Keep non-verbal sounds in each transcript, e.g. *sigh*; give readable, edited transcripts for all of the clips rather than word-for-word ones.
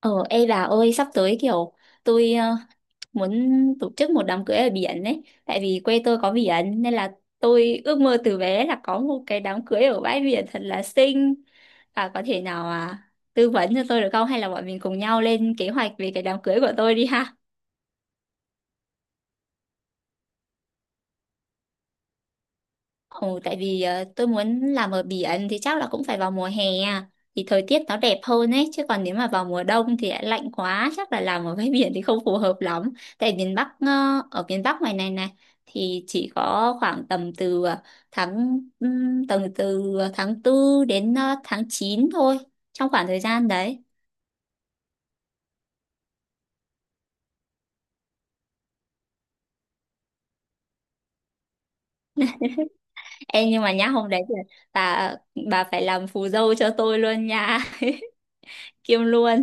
Ờ, ê bà ơi, sắp tới tôi ờ, muốn tổ chức một đám cưới ở biển ấy, tại vì quê tôi có biển nên là tôi ước mơ từ bé là có một cái đám cưới ở bãi biển thật là xinh. Bà có thể tư vấn cho tôi được không? Hay là bọn mình cùng nhau lên kế hoạch về cái đám cưới của tôi đi ha? Tại vì tôi muốn làm ở biển thì chắc là cũng phải vào mùa hè à. Thì thời tiết nó đẹp hơn ấy, chứ còn nếu mà vào mùa đông thì lại lạnh quá, chắc là làm ở bãi *laughs* biển thì không phù hợp lắm. Tại miền ở miền Bắc ngoài này này thì chỉ có khoảng tầm từ ờ, tháng tầm từ tháng tư đến tháng 9 thôi, trong khoảng thời gian đấy. Ê, nhưng mà nhá, hôm đấy thì bà ờ, bà phải làm phù dâu cho tôi luôn nha, *laughs* kiêm luôn.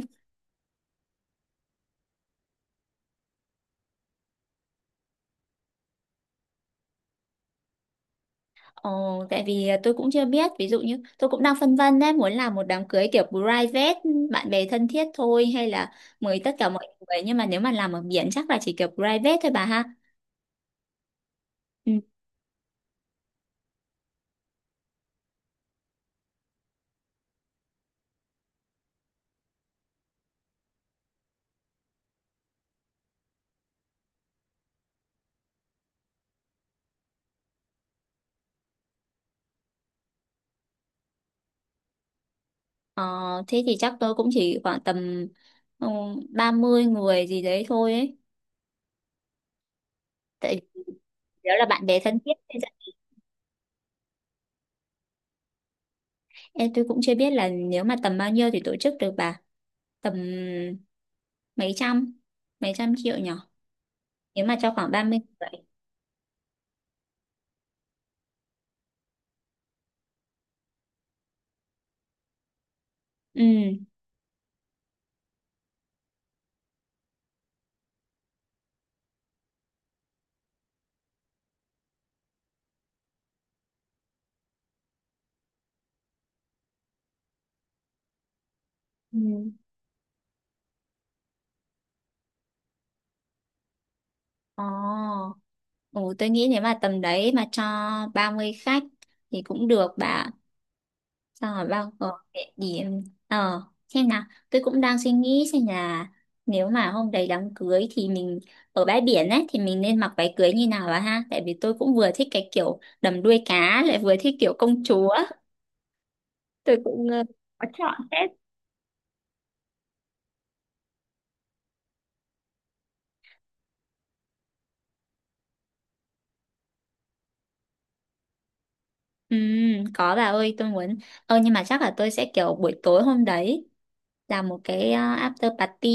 Tại vì tôi cũng chưa biết, ví dụ như tôi cũng đang phân vân đấy, muốn làm một đám cưới kiểu private, bạn bè thân thiết thôi, hay là mời tất cả mọi người. Nhưng mà nếu mà làm ở biển chắc là chỉ kiểu private thôi bà ha. Ừ. Ờ, thế thì chắc tôi cũng chỉ khoảng tầm ừ, 30 người gì đấy thôi ấy. Tại vì đó là bạn bè thân thiết, thì chắc- Ê, tôi cũng chưa biết là nếu mà tầm bao nhiêu thì tổ chức được bà. Tầm mấy trăm, mấy trăm triệu nhỉ? Nếu mà cho khoảng ba mươi người. Ừ. Ừ. Ồ, ồ, tôi nghĩ nếu mà tầm đấy mà cho 30 khách thì cũng được bà. Xong rồi bao gồm địa điểm. Ờ, xem nào, tôi cũng đang suy nghĩ xem là nếu mà hôm đấy đám cưới thì mình ở bãi biển ấy, thì mình nên mặc váy cưới như nào bà ha? Tại vì tôi cũng vừa thích cái kiểu đầm đuôi cá, lại vừa thích kiểu công chúa. Tôi cũng có chọn hết. Ừ, có bà ơi, tôi muốn. Ờ, nhưng mà chắc là tôi sẽ kiểu buổi tối hôm đấy là một cái after party,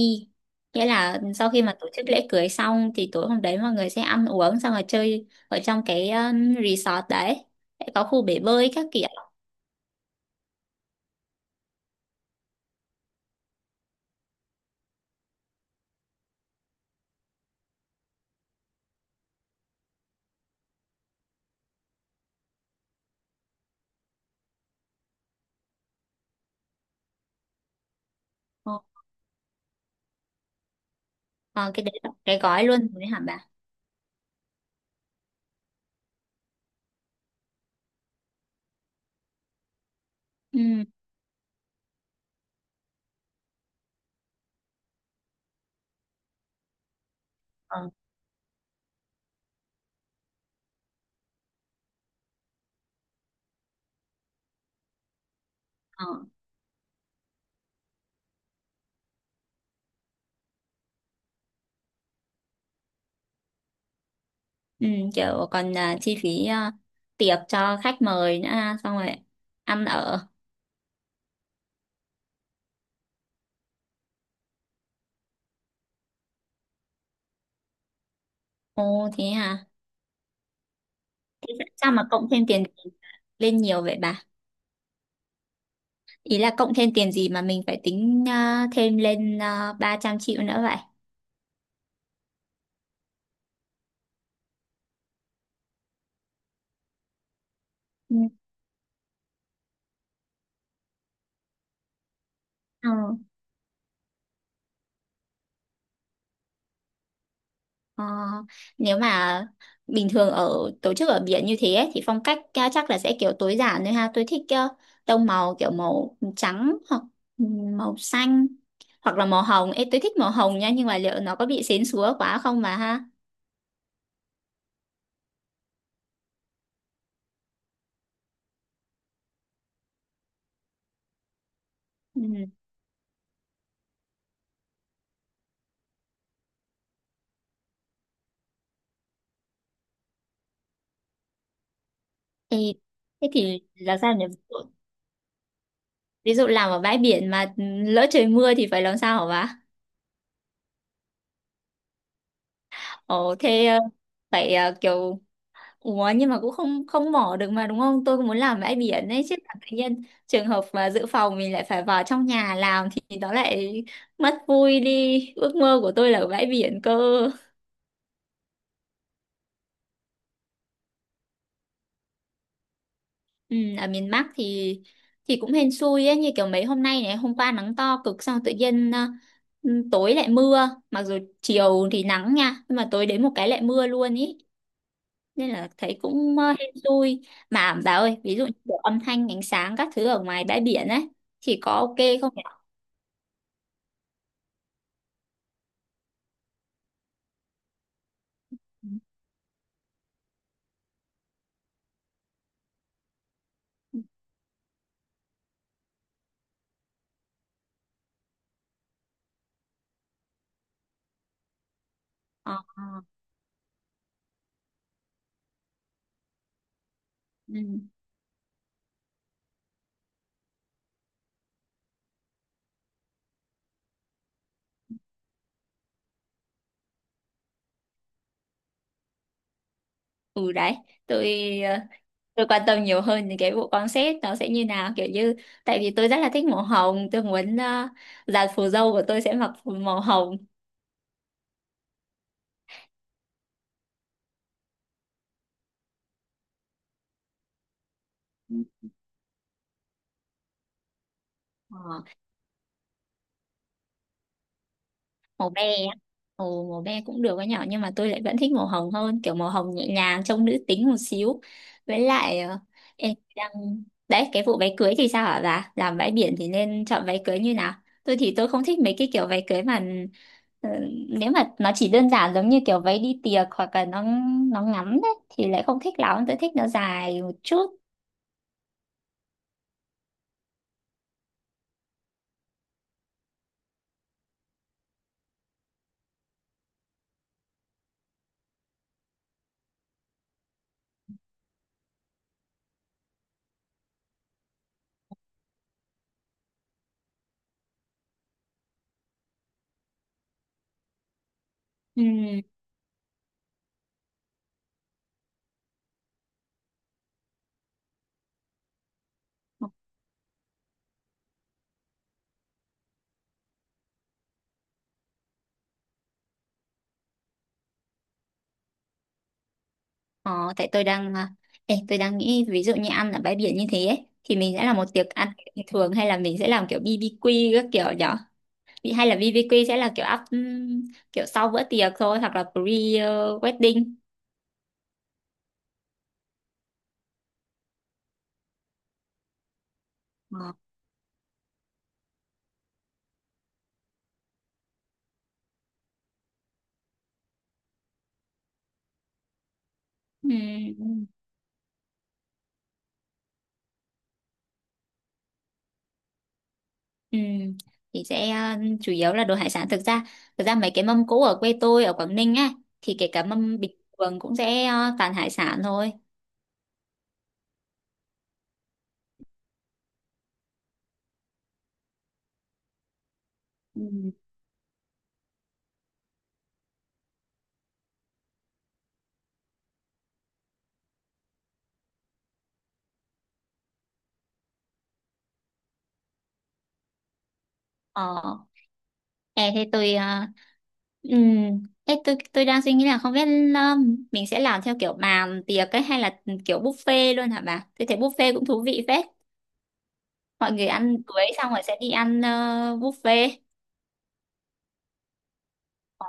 nghĩa là sau khi mà tổ chức lễ cưới xong thì tối hôm đấy mọi người sẽ ăn uống xong rồi chơi ở trong cái resort đấy, sẽ có khu bể bơi các kiểu. Ờ, ờ, cái đấy là cái gói luôn rồi hả bà? Ừ. Ờ, ờ. Ừ. Kiểu còn chi phí tiệc cho khách mời nữa ha, xong rồi ăn ở. Ồ thế hả? Thế sao mà cộng thêm tiền lên nhiều vậy bà? Ý là cộng thêm tiền gì mà mình phải tính thêm lên 300 triệu nữa vậy? Ừ. Ờ, ờ, nếu mà bình thường ở tổ chức ở biển như thế ấy, thì phong cách ca- chắc là sẽ kiểu tối giản thôi ha. Tôi thích tông màu kiểu màu trắng hoặc ừ, màu xanh hoặc là màu hồng. Ê, tôi thích màu hồng nha, nhưng mà liệu nó có bị xến xúa quá không mà ha? Ừ. Ê, thế thì làm sao nhỉ? Ví dụ, ví dụ làm ở bãi biển mà lỡ trời mưa thì phải làm sao hả bà? Ồ, thế ờ, phải ờ, kiểu Ủa, nhưng mà cũng không không mỏ được mà đúng không? Tôi cũng muốn làm bãi biển ấy chứ, là tự nhiên trường hợp mà dự phòng mình lại phải vào trong nhà làm thì nó lại mất vui đi. Ước mơ của tôi là ở bãi biển cơ. Ừ, ở miền Bắc thì cũng hên xui ấy, như kiểu mấy hôm nay này, hôm qua nắng to cực, xong tự nhiên tối lại mưa, mặc dù chiều thì nắng nha, nhưng mà tối đến một cái lại mưa luôn ý, nên là thấy cũng hên xui. Mà bà ơi, ví dụ như kiểu âm thanh ánh sáng các thứ ở ngoài bãi biển ấy thì có ok không nhỉ? Ờ. Ừ. Ừ đấy, tôi ờ, tôi quan tâm nhiều hơn đến cái bộ concept nó sẽ như nào, kiểu như tại vì tôi rất là thích màu hồng, tôi muốn dàn phù dâu của tôi sẽ mặc phù màu hồng. Ờ. Màu be á. Ồ, màu be cũng được với nhỏ, nhưng mà tôi lại vẫn thích màu hồng hơn, kiểu màu hồng nhẹ nhàng trông nữ tính một xíu. Với lại em đang đấy, cái vụ váy cưới thì sao hả bà, làm bãi biển thì nên chọn váy cưới như nào? Tôi thì tôi không thích mấy cái kiểu váy cưới mà ờ, nếu mà nó chỉ đơn giản giống như kiểu váy đi tiệc, hoặc là nó ngắn đấy thì lại không thích lắm, tôi thích nó dài một chút. Ừ. Ờ, tại tôi đang nghĩ ví dụ như ăn ở bãi biển như thế ấy, thì mình sẽ là một tiệc ăn kiểu bình thường hay là mình sẽ làm kiểu BBQ các kiểu nhở? Bị- hay là BBQ sẽ là kiểu up, kiểu sau bữa tiệc thôi hoặc là pre wedding. Ờ. Ừm, ừm. Thì sẽ chủ yếu là đồ hải sản, thực ra mấy cái mâm cỗ ở quê tôi ở Quảng Ninh á, thì kể cả mâm bình thường cũng sẽ toàn hải sản thôi. Ừm. Ờ. Ê, thế tôi ờ, ê, tôi đang suy nghĩ là không biết ờ, mình sẽ làm theo kiểu bàn tiệc ấy hay là kiểu buffet luôn hả bà? Tôi thấy buffet cũng thú vị phết. Mọi người ăn cưới xong rồi sẽ đi ăn buffet. Ờ,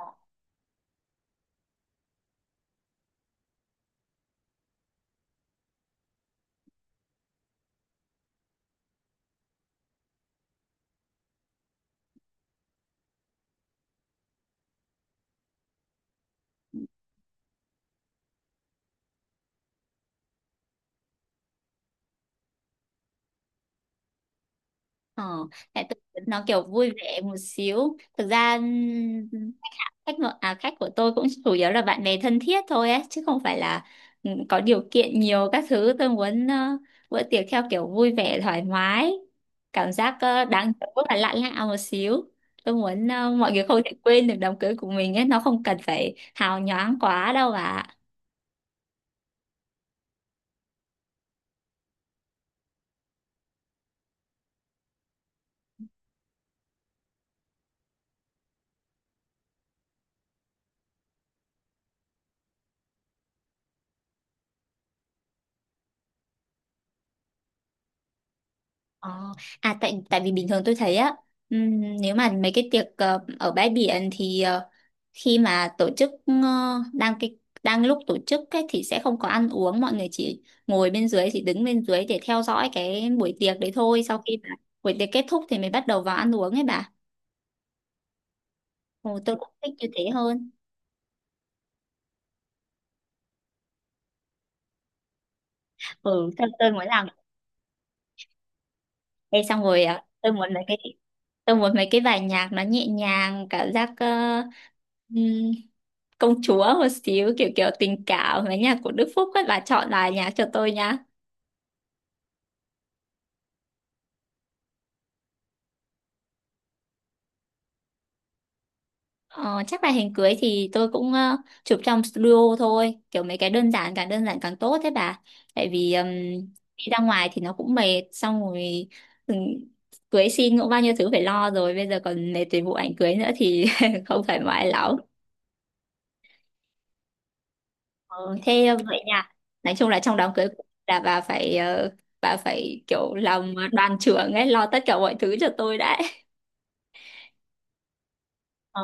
ờ, tại tôi nó kiểu vui vẻ một xíu. Thực ra ừm, khách ngợ à, khách của tôi cũng chủ yếu là bạn bè thân thiết thôi ấy, chứ không phải là ừ, có điều kiện nhiều các thứ. Tôi muốn bữa tiệc theo kiểu vui vẻ thoải mái, cảm giác đáng rất là lạ lạ một xíu. Tôi muốn mọi người không thể quên được đám cưới của mình ấy, nó không cần phải hào nhoáng quá đâu bà ạ. Ờ, à tại tại vì bình thường tôi thấy á, nếu mà mấy cái tiệc ở bãi biển thì khi mà tổ chức ờ, đang cái đang lúc tổ chức ấy, thì sẽ không có ăn uống, mọi người chỉ ngồi bên dưới, chỉ đứng bên dưới để theo dõi cái buổi tiệc đấy thôi, sau khi mà buổi tiệc kết thúc thì mới bắt đầu vào ăn uống ấy bà. Ồ, tôi cũng thích như thế hơn. Tôi muốn làm. Ê, xong rồi à, tôi muốn mấy cái, tôi muốn mấy cái bài nhạc nó nhẹ nhàng, cảm giác công chúa một xíu, kiểu kiểu tình cảm, mấy nhạc của Đức Phúc ấy, bà chọn là nhạc cho tôi nhá. Ờ, chắc là hình cưới thì tôi cũng chụp trong studio thôi, kiểu mấy cái đơn giản càng tốt thế bà. Tại vì đi ra ngoài thì nó cũng mệt, xong rồi ừm, cưới xin cũng bao nhiêu thứ phải lo rồi, bây giờ còn mệt về vụ ảnh cưới nữa thì *laughs* không thoải mái lắm. Ờ, thế vậy nha, nói chung là trong đám cưới của- là bà phải kiểu làm đoàn trưởng ấy, lo tất cả mọi thứ cho tôi đấy. Ờ.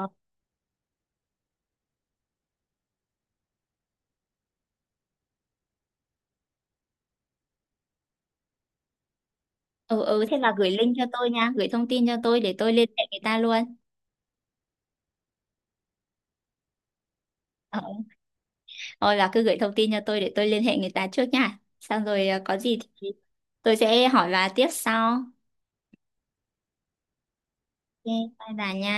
Ừ ừ, thế bà gửi link cho tôi nha, gửi thông tin cho tôi để tôi liên hệ người ta luôn. Ờ. Thôi bà cứ gửi thông tin cho tôi để tôi liên hệ người ta trước nha, xong rồi có gì thì tôi sẽ hỏi bà tiếp sau. Ok, bye bà nha.